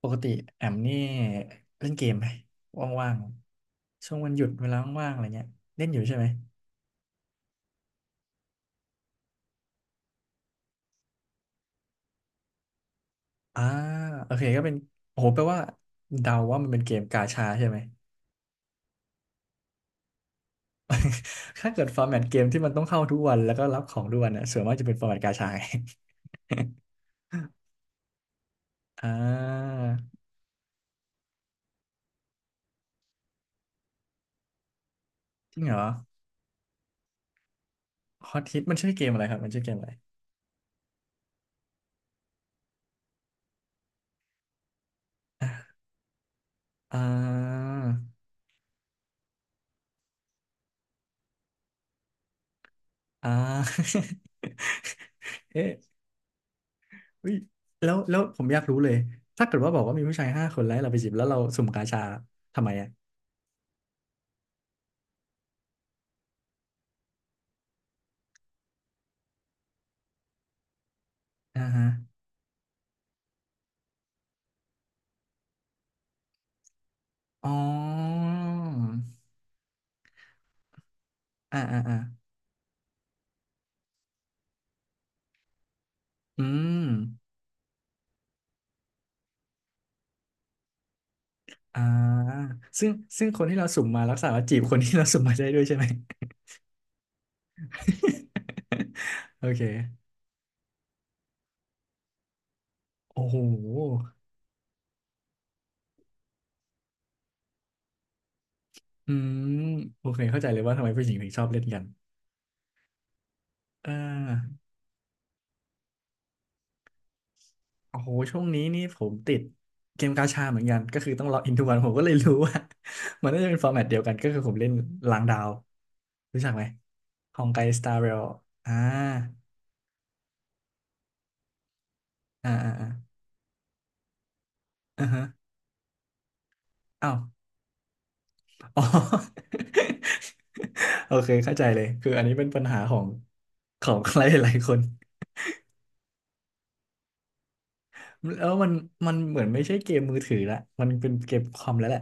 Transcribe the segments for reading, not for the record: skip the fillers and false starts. ปกติแอมนี่เล่นเกมไหมว่างๆช่วงวันหยุดเวลาว่างๆอะไรเงี้ยเล่นอยู่ใช่ไหมอ่าโอเคก็เป็นโอ้โหแปลว่าเดาว่ามันเป็นเกมกาชาใช่ไหม ถ้าเกิดฟอร์แมตเกมที่มันต้องเข้าทุกวันแล้วก็รับของทุกวันน่ะส่วนมากจะเป็นฟอร์แมตกาชาไง อ่าจริงเหรอฮอตฮิตมันชื่อเกมอะไรครับมันชื่อเกมอะไรอ่าอ่า เอ๊ะ เฮ้ยแล้วผมอยากรู้เลยถ้าเกิดว่าบอกว่ามีผู้ชายห้าคนแล้วให้เราไปจีบแล้วเราสุ่มกาชาทำไมอ่ะอ่าฮะอ๋ออ่าอ่าอ่าอืมอ่าซึ่งซึ่งคนที่เราสุ่มมารักษาว่าจีบคนที่เราสุ่มมาได้ด้วยใช่ไหม โอเคโอ้โหอืมโอเคเข้าใจเลยว่าทำไมผู้หญิงถึงชอบเล่นกันเออ โอ้โหช่วงนี้นี่ผมติดเกมกาชาเหมือนกันก็คือต้องล็อกอินทุกวันผมก็เลยรู้ว่า มันน่าจะเป็นฟอร์แมตเดียวกันก็คือผมเล่นล้างดาวรู้จักไหมฮองไกสตาร์เรลอ่าอ่าอ่าอ่าอ่าฮะอ้าวอ๋อ โอเคเข้าใจเลยคืออันนี้เป็นปัญหาของใครหลายๆคนแล้วมันเหมือนไม่ใช่เกมมือถือละมันเป็นเกมคอมแล้วแหละ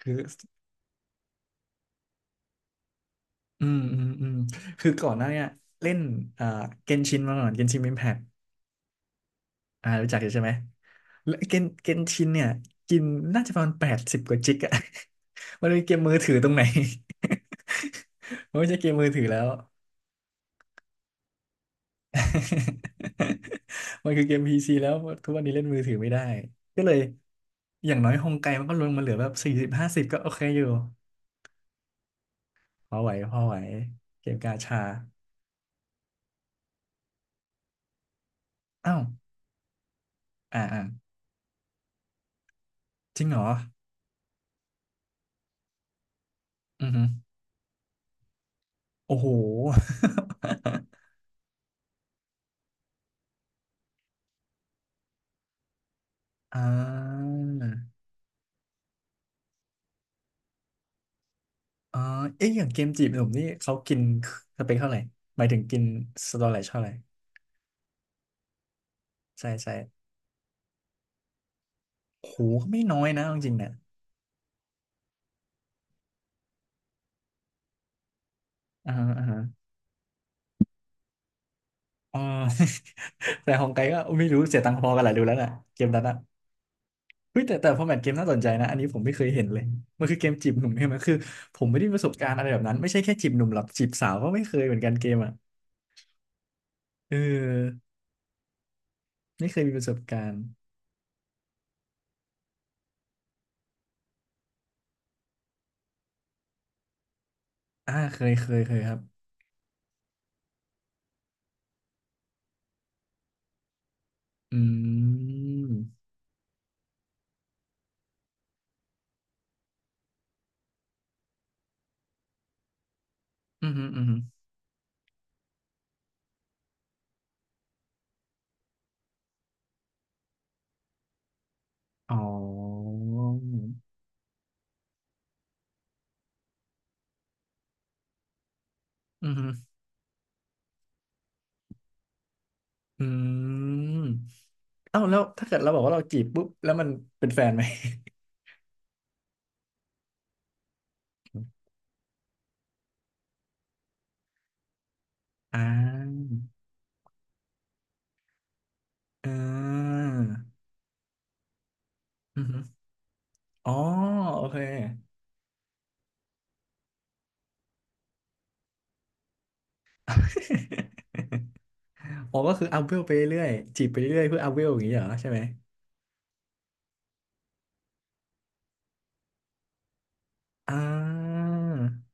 คืออืมอืมอืมคือก่อนหน้าเนี้ยเล่นเอ่อเกนชินมาก่อนเกนชินอิมแพค อ่ารู้จักอยู่ใช่ไหมแล้วเกนชินเนี่ยกินน่าจะประมาณแปดสิบกว่าจิกอะ มันเป็นเกมมือถือตรงไหน มันไม่ใช่เกมมือถือแล้ว มันคือเกมพีซีแล้วทุกวันนี้เล่นมือถือไม่ได้ก็เลยอย่างน้อยฮงไกมันก็ลงมาเหลือแบบสี่สิบห้าสิบก็โอเคอยู่พอไหวพอไหวเกมกาชาอ้าวอ่าอ่าจริงเหรออือฮึโอ้โห อ่า อ๋อเอ๊ะอย่างเกมจีบหนุ่มนี่เขากินสเปคเท่าไหร่หมายถึงกินสเตอไรจเท่าไหร่ใช่ใช่โอ้หก็ไม่น้อยนะเอาจริงๆเนี่ยอ่าฮะอ่าฮะ อ๋อ แต่ของไกลก็ไม่รู้เสียตังค์พอกันแหละดูแล้วน่ะเกมนั้นอ่ะเฮ้ยแต่ฟอร์แมตเกมน่าสนใจนะอันนี้ผมไม่เคยเห็นเลยมันคือเกมจีบหนุ่มใช่ไหมคือผมไม่ได้มีประสบการณ์อะไรแบบนั้นไม่ใช่แค่จีบหนุ่มหรอกจีบสาวก็ไม่เคยเหมือนกันเกมอ่ะเออไม่เคยมีประสบการณ์อ่าเคยเคยเคยครับอืมอืมอหืมออือหืออ๋อ อืมอืม เอ้าแล้วถ้าเกิดเราบอกว่าเราจีบปุ๊บแล้วมันเป็นแฟนไหม อ่าอ่าอืมอ๋อโอเค อ๋อก็คืออัพเวลไปเรื่อยจีบไปเรื่อยเพื่ออัพเวลอย่างนี้เหรอใช่ไหมอ่า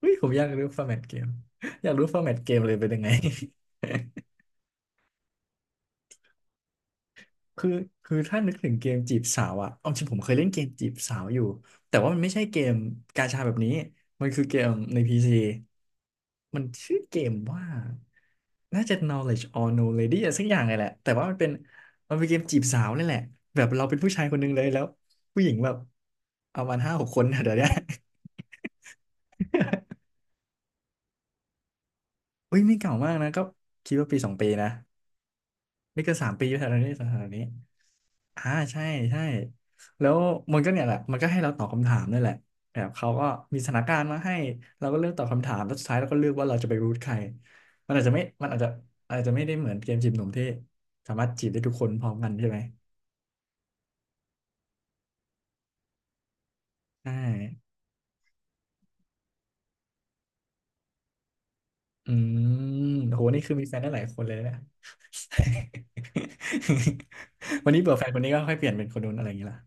อุ้ยผมอยากรู้ฟอร์แมตเกม อยากรู้ฟอร์แมตเกมเลยเป็นยังไง คือถ้านึกถึงเกมจีบสาวอะเอาจริงผมเคยเล่นเกมจีบสาวอยู่ แต่ว่ามันไม่ใช่เกมกาชาแบบนี้ มันคือเกมในพีซีมันชื่อเกมว่า น่าจะ Knowledge or No Lady อะไรสักอย่างเลยแหละ แต่ว่ามันเป็นมันเป็นเกมจีบสาวนี่แหละ แบบเราเป็นผู้ชายคนหนึงเลยแล้วผู้หญิงแบบ เอามาณห้าหกคนนะเดี๋ยวเนี้ย อุ้ยไม่เก่ามากนะ ก็คิดว่าปีสองปีนะไม่เกินสามปีอยู่แถวๆนี้แถวๆนี้ อ่าใช่ใช่แล้วมันก็เนี่ยแหละมันก็ให้เราตอบคำถามนี่นแหละแบบเขาก็มีสถานการณ์มาให้เราก็เลือกตอบคำถามแล้วสุดท้ายเราก็เลือกว่าเราจะไปรูทใครมันอาจจะไม่มันอาจจะไม่ได้เหมือนเกมจีบหนุ่มที่สามารถจีบได้ทุกคนพร้อมกันใช่ไหมใช่อืมโหนี่คือมีแฟนได้หลายคนเลยนะ วันนี้เบื่อแฟนคนนี้ก็ค่อยเปลี่ยนเป็นคนนู้นอะไรอย่างเงี้ยล่ะ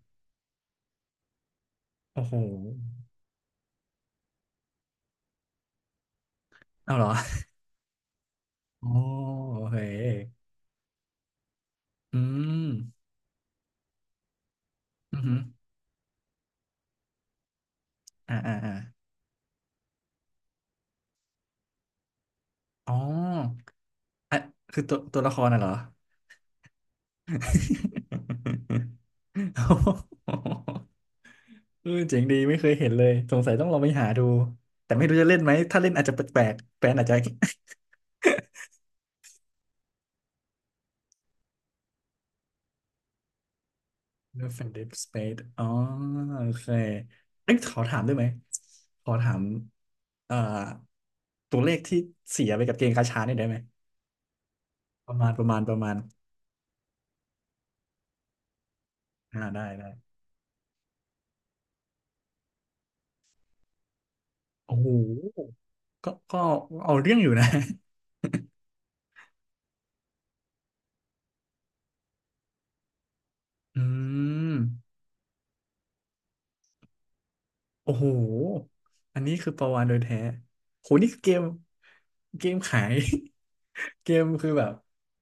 โอ้โหเอาเหรอโอ้โอเฮ้ยอืมอือหืออ่าอ่าอ่า อ๋ออ่ะคือตัวละครน่ะเหรอ โอ้โห เออเจ๋งดีไม่เคยเห็นเลยสงสัยต้องลองไปหาดูแต่ไม่รู้จะเล่นไหมถ้าเล่นอาจจะแปลกๆแฟนอาจจะ Love and Deep Space อ๋อโอเคเอ้ยขอถามได้ไหมขอถามเอ่อตัวเลขที่เสียไปกับเกมกาชาเนี่ยได้ไหมประมาณอ่าได้ได้โอ้โหก็ก็เอาเรื่องอยู่นะ อืม โอ้โหอันนี้คือปลาวาฬโดยแท้โหนี่คือเกมเกมขาย เกมคือแบบ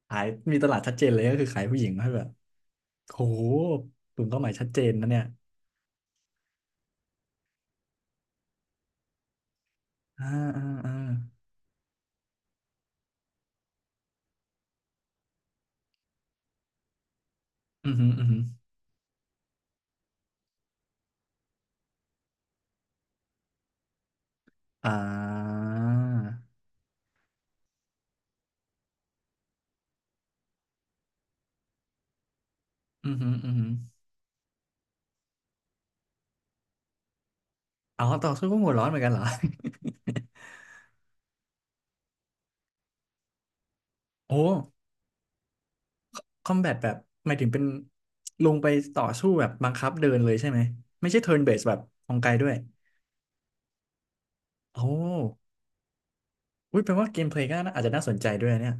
ขายมีตลาดชัดเจนเลยก็คือขายผู้หญิงให้แบบโหกลุ่มเป้าหมายชัดเจนนะเนี่ยอ่าอ่าอ่าอือหืออือหืออ่าอือหืออือหืออ๋อต่อสู้ก็หัวร้อนเหมือนกันเหรอ โอ้คอมแบทแบบหมายถึงเป็นลงไปต่อสู้แบบบังคับเดินเลยใช่ไหมไม่ใช่เทิร์นเบสแบบของไกลด้วยโอ้ อุ้ยแปลว่าเกมเพลย์ก็น่าอาจจะน่าสนใจด้วยนะเนี่ย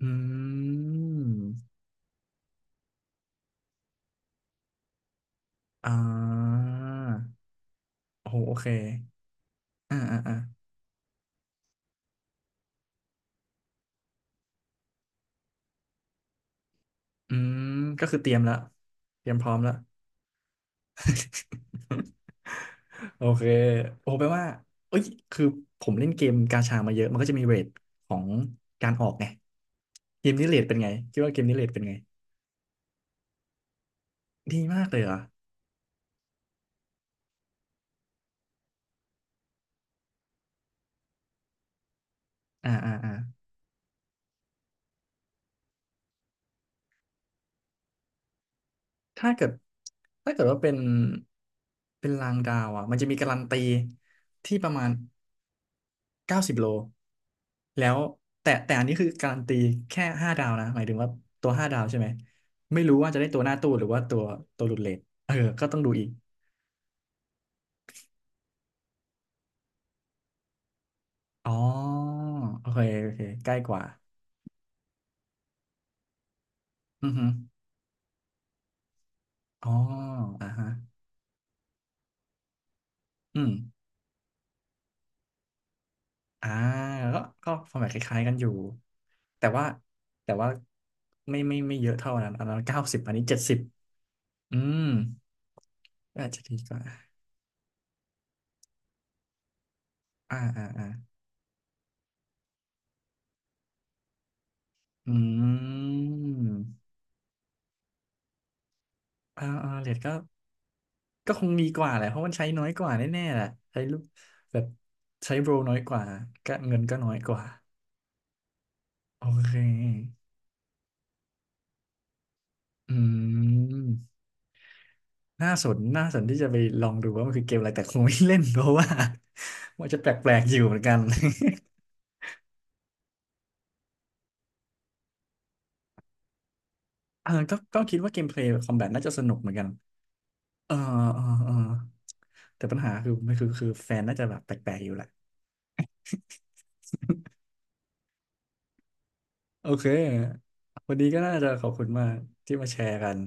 อืมอ่าโอ้โหโอเคอ่าอ่าอ่าอืมก็คือเตรียมละเตรียมพร้อมละ โอเคโอ้แปลว่าเอ้ยคือผมเล่นเกมกาชามาเยอะมันก็จะมีเรทของการออกไงเกมนี้เรทเป็นไงคิดว่าเกมนี้เรทเป็นไงดีมากเลยเหรออ่าอ่าอ่าถ้าเกิดถ้าเกิดว่าเป็น เป็นรางดาวอ่ะมันจะมีการันตีที่ประมาณ เก้าสิบโล แล้วแต่แต่อันนี้คือการันตีแค่ห้าดาวนะหมายถึงว่าตัวห้าดาวใช่ไหม ไม่รู้ว่าจะได้ตัวหน้าตู้หรือว่าตัวตัวหลุดเรทเออ ก็ต้องดูอีก อ๋อโอเคโอเคใกล้กว่าอือฮึอ๋ออ่าฮะอืมอ่าก็ก็ฟอร์แมตคล้ายๆกันอยู่ แต่ว่าแต่ว่าไม่ไม่ไม่เยอะเท่านั้นอันนั้นเก้าสิบอันนี้70อืมก็อาจจะดีกว่าอ่าอ่าอ่าอืมอ่าอ่าเรทก็ ก็คงมีกว่าแหละเพราะมันใช้น้อยกว่าแน่ๆแหละใช้ลูกแบบใช้โบรน้อยกว่าก็เงินก็น้อยกว่าโอเคอืมน่าสนน่าสนที่จะไปลองดูว่ามันคือเกมอะไรแต่คงไม่เล่นเพราะว่า ว่าจะแปลกๆอยู่เหมือนกัน เออก็ก็คิดว่าเกมเพลย์คอมแบทน่าจะสนุกเหมือนกันเออเออเออแต่ปัญหาคือไม่คือคือแฟนน่าจะแบบแปลกๆอยู่แหละโอเควันนี้ก็น่าจะขอบคุณมากที่มาแชร์กัน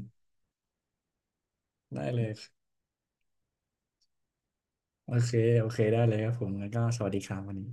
ได้เลย โอเค โอเค ได้เลยครับผมงั้นก็สวัสดีครับวันนี้